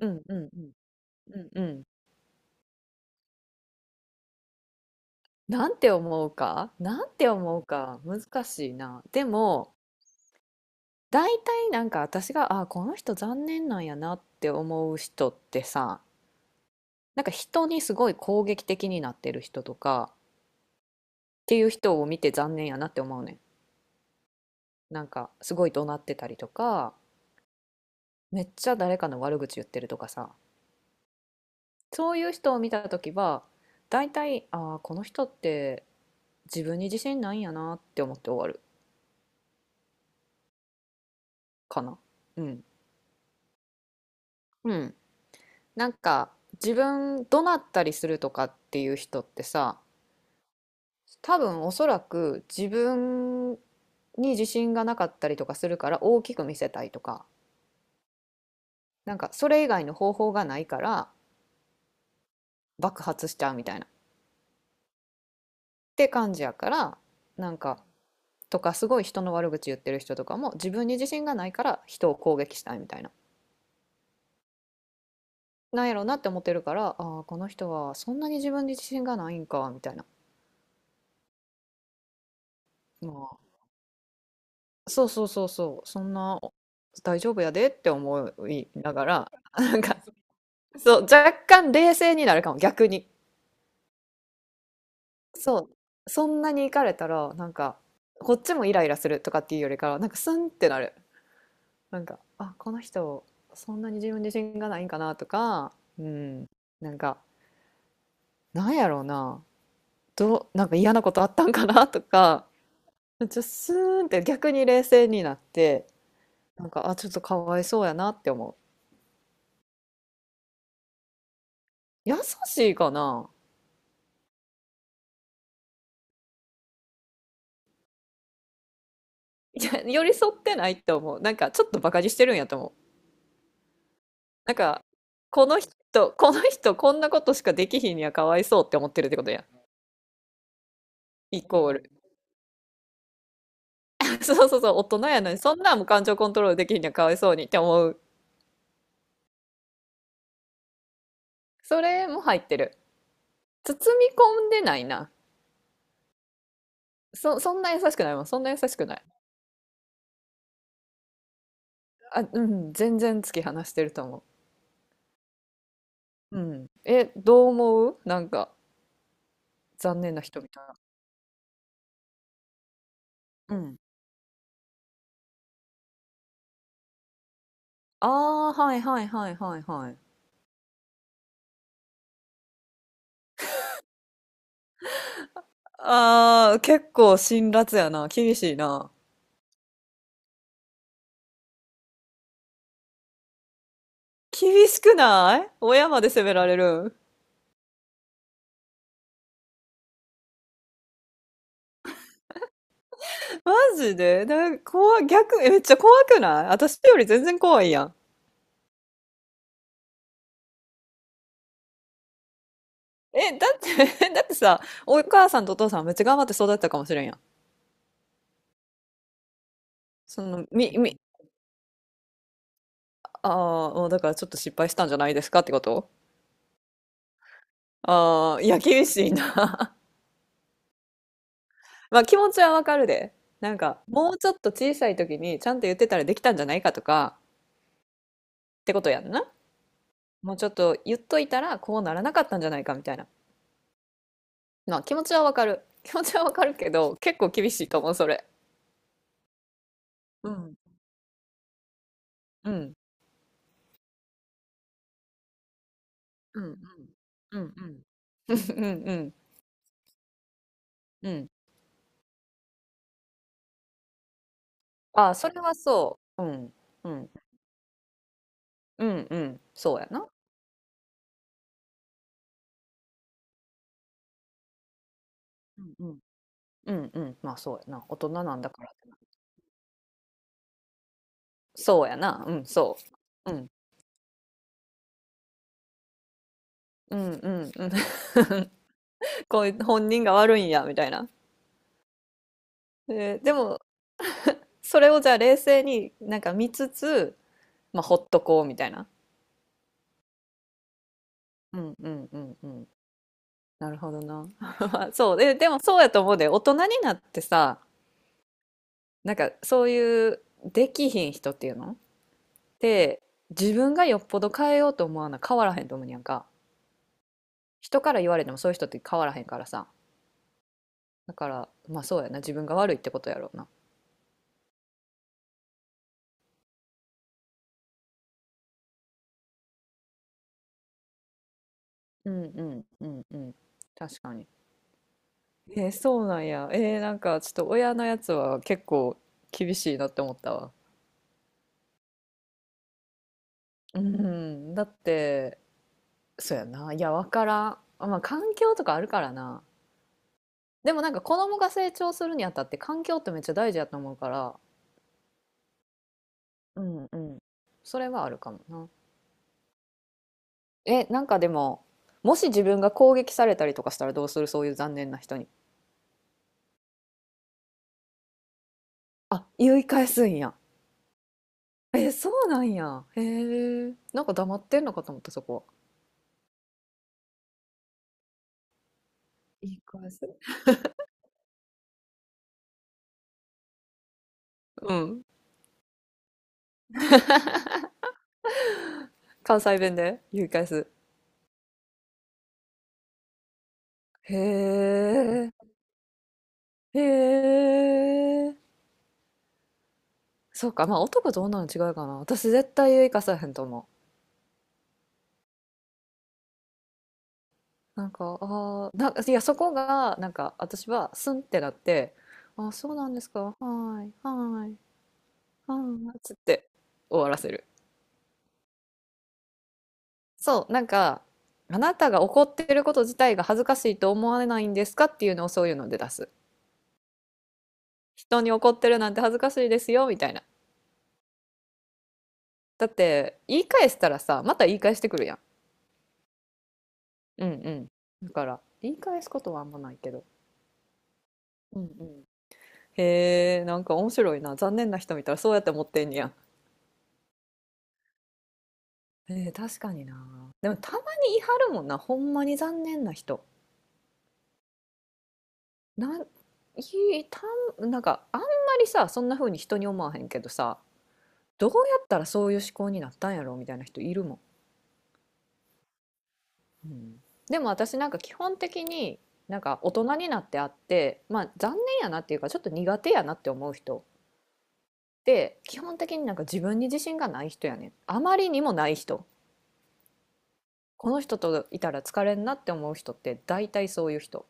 うんうんうんうんうん。なんて思うかなんて思うか難しいな。でも大体なんか私があこの人残念なんやなって思う人ってさなんか人にすごい攻撃的になってる人とかっていう人を見て残念やなって思うねん。なんかすごい怒鳴ってたりとかめっちゃ誰かの悪口言ってるとかさそういう人を見た時は大体あこの人って自分に自信ないんやなって思って終わるかな。うん。うんなんか自分怒鳴ったりするとかっていう人ってさ多分おそらく自分に自信がなかったりとかするから大きく見せたいとかなんかそれ以外の方法がないから爆発しちゃうみたいなって感じやからなんかとかすごい人の悪口言ってる人とかも自分に自信がないから人を攻撃したいみたいななんやろうなって思ってるからああこの人はそんなに自分に自信がないんかみたいなまあそうそうそうそう、そんな大丈夫やでって思いながら、なんか、そう、若干冷静になるかも、逆に。そう、そんなに行かれたら、なんか、こっちもイライラするとかっていうよりかは、なんかスンってなる。なんか、あ、この人、そんなに自分自信がないんかなとか、うん、なんか、なんやろうな、どう、なんか嫌なことあったんかなとか、めっちゃスーンって逆に冷静になって、なんか、あ、ちょっとかわいそうやなって思う。優しいかな いや、寄り添ってないって思う。なんか、ちょっとバカにしてるんやと思う。なんか、この人、こんなことしかできひんにはかわいそうって思ってるってことやん。イコール そうそうそう、大人やのに、そんなんも感情コントロールできひんにはかわいそうにって思う。それも入ってる。包み込んでないな。そんな優しくないもん。そんな優しくない。あ、うん、全然突き放してると思う。うん。え、どう思うなんか、残念な人みたいな。うん。ああ、はいはいはいはいはい。ああ、結構辛辣やな。厳しいな。厳しくない親まで責められるマジで、怖い、逆、えめっちゃ怖くない私より全然怖いやん。え、だって だってさ、お母さんとお父さんめっちゃ頑張って育てたかもしれんやん。その、ああ、もうだからちょっと失敗したんじゃないですかってことああ、いや、厳しいな。まあ気持ちはわかるで。なんか、もうちょっと小さい時にちゃんと言ってたらできたんじゃないかとか、ってことやんな。もうちょっと言っといたらこうならなかったんじゃないかみたいな。まあ気持ちはわかる。気持ちはわかるけど、結構厳しいと思う、それ。うん。うん。うんうんうんうんうんうんうん。ああ、それはそう。うん。うん。うんうん。そうやな。うんうん。うんうん。まあそうやな。大人なんだからってな。そうやな。うん、そう。うん。うんうんうん。こういう本人が悪いんや、みたいな。でも、それをじゃあ冷静になんか見つつ、まあほっとこうみたいな。うんうんうんうん。なるほどな。そう。でもそうやと思うで、大人になってさ、なんかそういうできひん人っていうので、自分がよっぽど変えようと思わな変わらへんと思うにやんか。人から言われてもそういう人って変わらへんからさ。だから、まあそうやな。自分が悪いってことやろうな。うんうんうんうん。確かに。そうなんや。なんかちょっと親のやつは結構厳しいなって思ったわ。うん、だってそうやな。いや、わからん。まあ、環境とかあるからな。でもなんか子供が成長するにあたって環境ってめっちゃ大事やと思うから、うんうん。それはあるかもな。え、なんかでも、もし自分が攻撃されたりとかしたらどうするそういう残念な人に。あ、言い返すんや。え、そうなんや。へえ。なんか黙ってんのかと思った、そこは。言い返すうん。関西弁で言い返す。へえ。へえ。そうか、まあ男と女の違いかな。私絶対生かさへんと思う。なんか、ああ、なんか、いや、そこが、なんか、私は、スンってなって、ああ、そうなんですか。はーい、はーい、はーい、つって終わらせる。そう、なんか、あなたが怒ってること自体が恥ずかしいと思われないんですかっていうのをそういうので出す。人に怒ってるなんて恥ずかしいですよ、みたいな。だって、言い返したらさ、また言い返してくるやん。うんうん。だから、言い返すことはあんまないけど。うんうん。へえ、なんか面白いな。残念な人見たらそうやって思ってんねや。確かにな。でもたまに言い張るもんな。ほんまに残念な人。なん、いたなんかあんまりさ、そんな風に人に思わへんけどさ、どうやったらそういう思考になったんやろみたいな人いるもん。うんでも私なんか基本的になんか大人になってあって、まあ残念やなっていうかちょっと苦手やなって思う人って基本的になんか自分に自信がない人やねん。あまりにもない人。この人といたら疲れんなって思う人って大体そういう人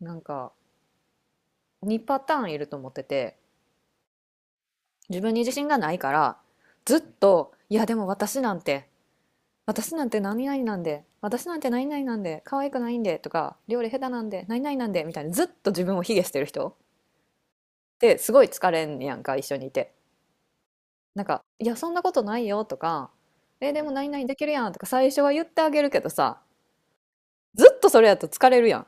なんか2パターンいると思ってて自分に自信がないからずっと「いやでも私なんて私なんて何々なんで私なんて何々なんで可愛くないんで」とか「料理下手なんで何々なんで」みたいなずっと自分を卑下してる人ってすごい疲れんやんか一緒にいて。なんか「いやそんなことないよ」とか「えでも何々できるやん」とか最初は言ってあげるけどさずっとそれやと疲れるやん。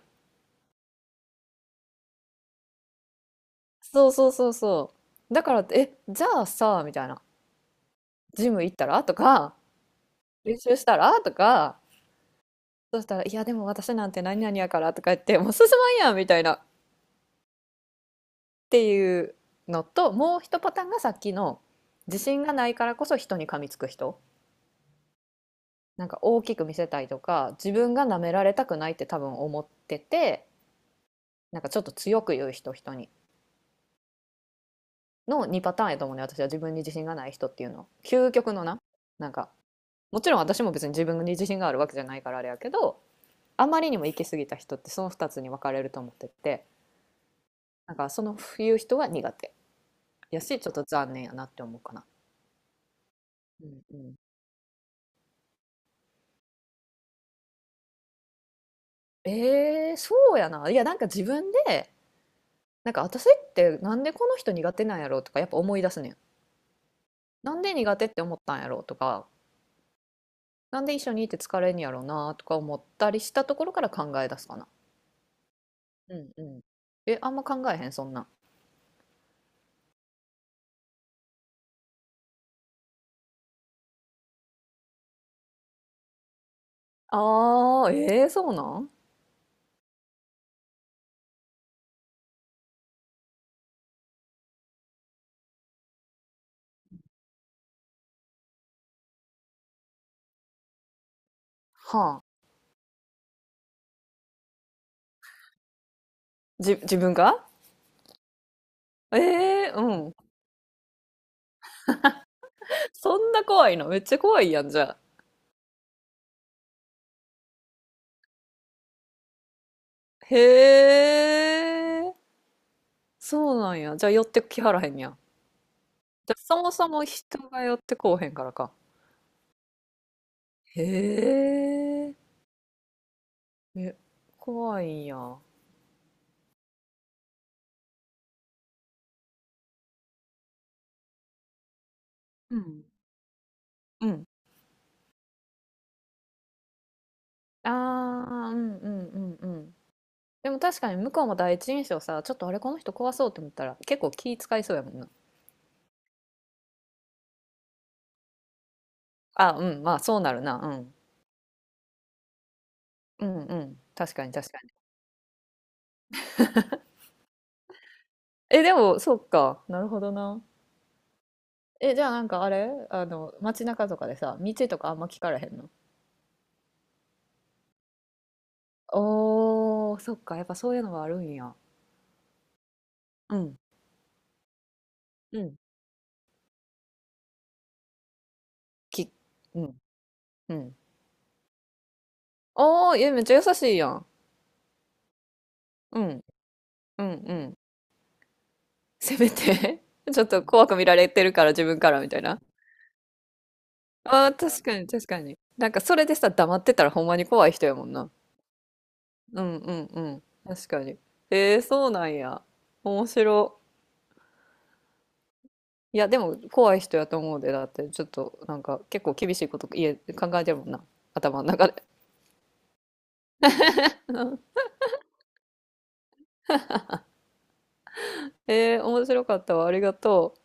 そうそうそうそう。だからって、え、じゃあさ、みたいな。ジム行ったらとか、練習したらとか、そしたら、いや、でも私なんて何々やからとか言って、もう進まんやんみたいなっていうのと、もう一パターンがさっきの、自信がないからこそ人に噛みつく人。なんか大きく見せたいとか、自分が舐められたくないって多分思ってて、なんかちょっと強く言う人、人に。の2パターンやと思うね、私は自分に自信がない人っていうの。究極のな、なんかもちろん私も別に自分に自信があるわけじゃないからあれやけどあまりにも行き過ぎた人ってその二つに分かれると思っててなんかその言う人は苦手やしちょっと残念やなって思うかな。うんうんそうやないやなんか自分でなんか私ってなんでこの人苦手なんやろうとかやっぱ思い出すねん。なんで苦手って思ったんやろうとかなんで一緒にいて疲れんやろうなとか思ったりしたところから考え出すかな。うんうん。え、あんま考えへんそんなん。そうなんは自分がええーうん。そんな怖いのめっちゃ怖いやん、じゃあ。へえ、そうなんや。じゃあ寄ってきはらへんやん。じゃあそもそも人が寄ってこうへんからか。へえ、え、怖いんや。うん。うん。ああ、うんうんうんうん。でも確かに向こうも第一印象さ、ちょっとあれこの人怖そうって思ったら結構気使いそうやもんな。あ、うん、まあそうなるな。うん。うんうん。確かに確かに。え、でも、そっか。なるほどな。え、じゃあなんかあれあの、街中とかでさ、道とかあんま聞かれへんのおー、そっか、やっぱそういうのはあるんや。うん、うん。き、うん、うん。おー、いや、めっちゃ優しいやん。うん、うん、うん。せめて ちょっと怖く見られてるから自分からみたいな。あー、確かに、確かに。なんかそれでさ、黙ってたらほんまに怖い人やもんな。うん、うん、うん。確かに。そうなんや。面白。いや、でも怖い人やと思うで、だって、ちょっと、なんか、結構厳しいこと家考えてるもんな、頭の中で。面白かったわ、ありがとう。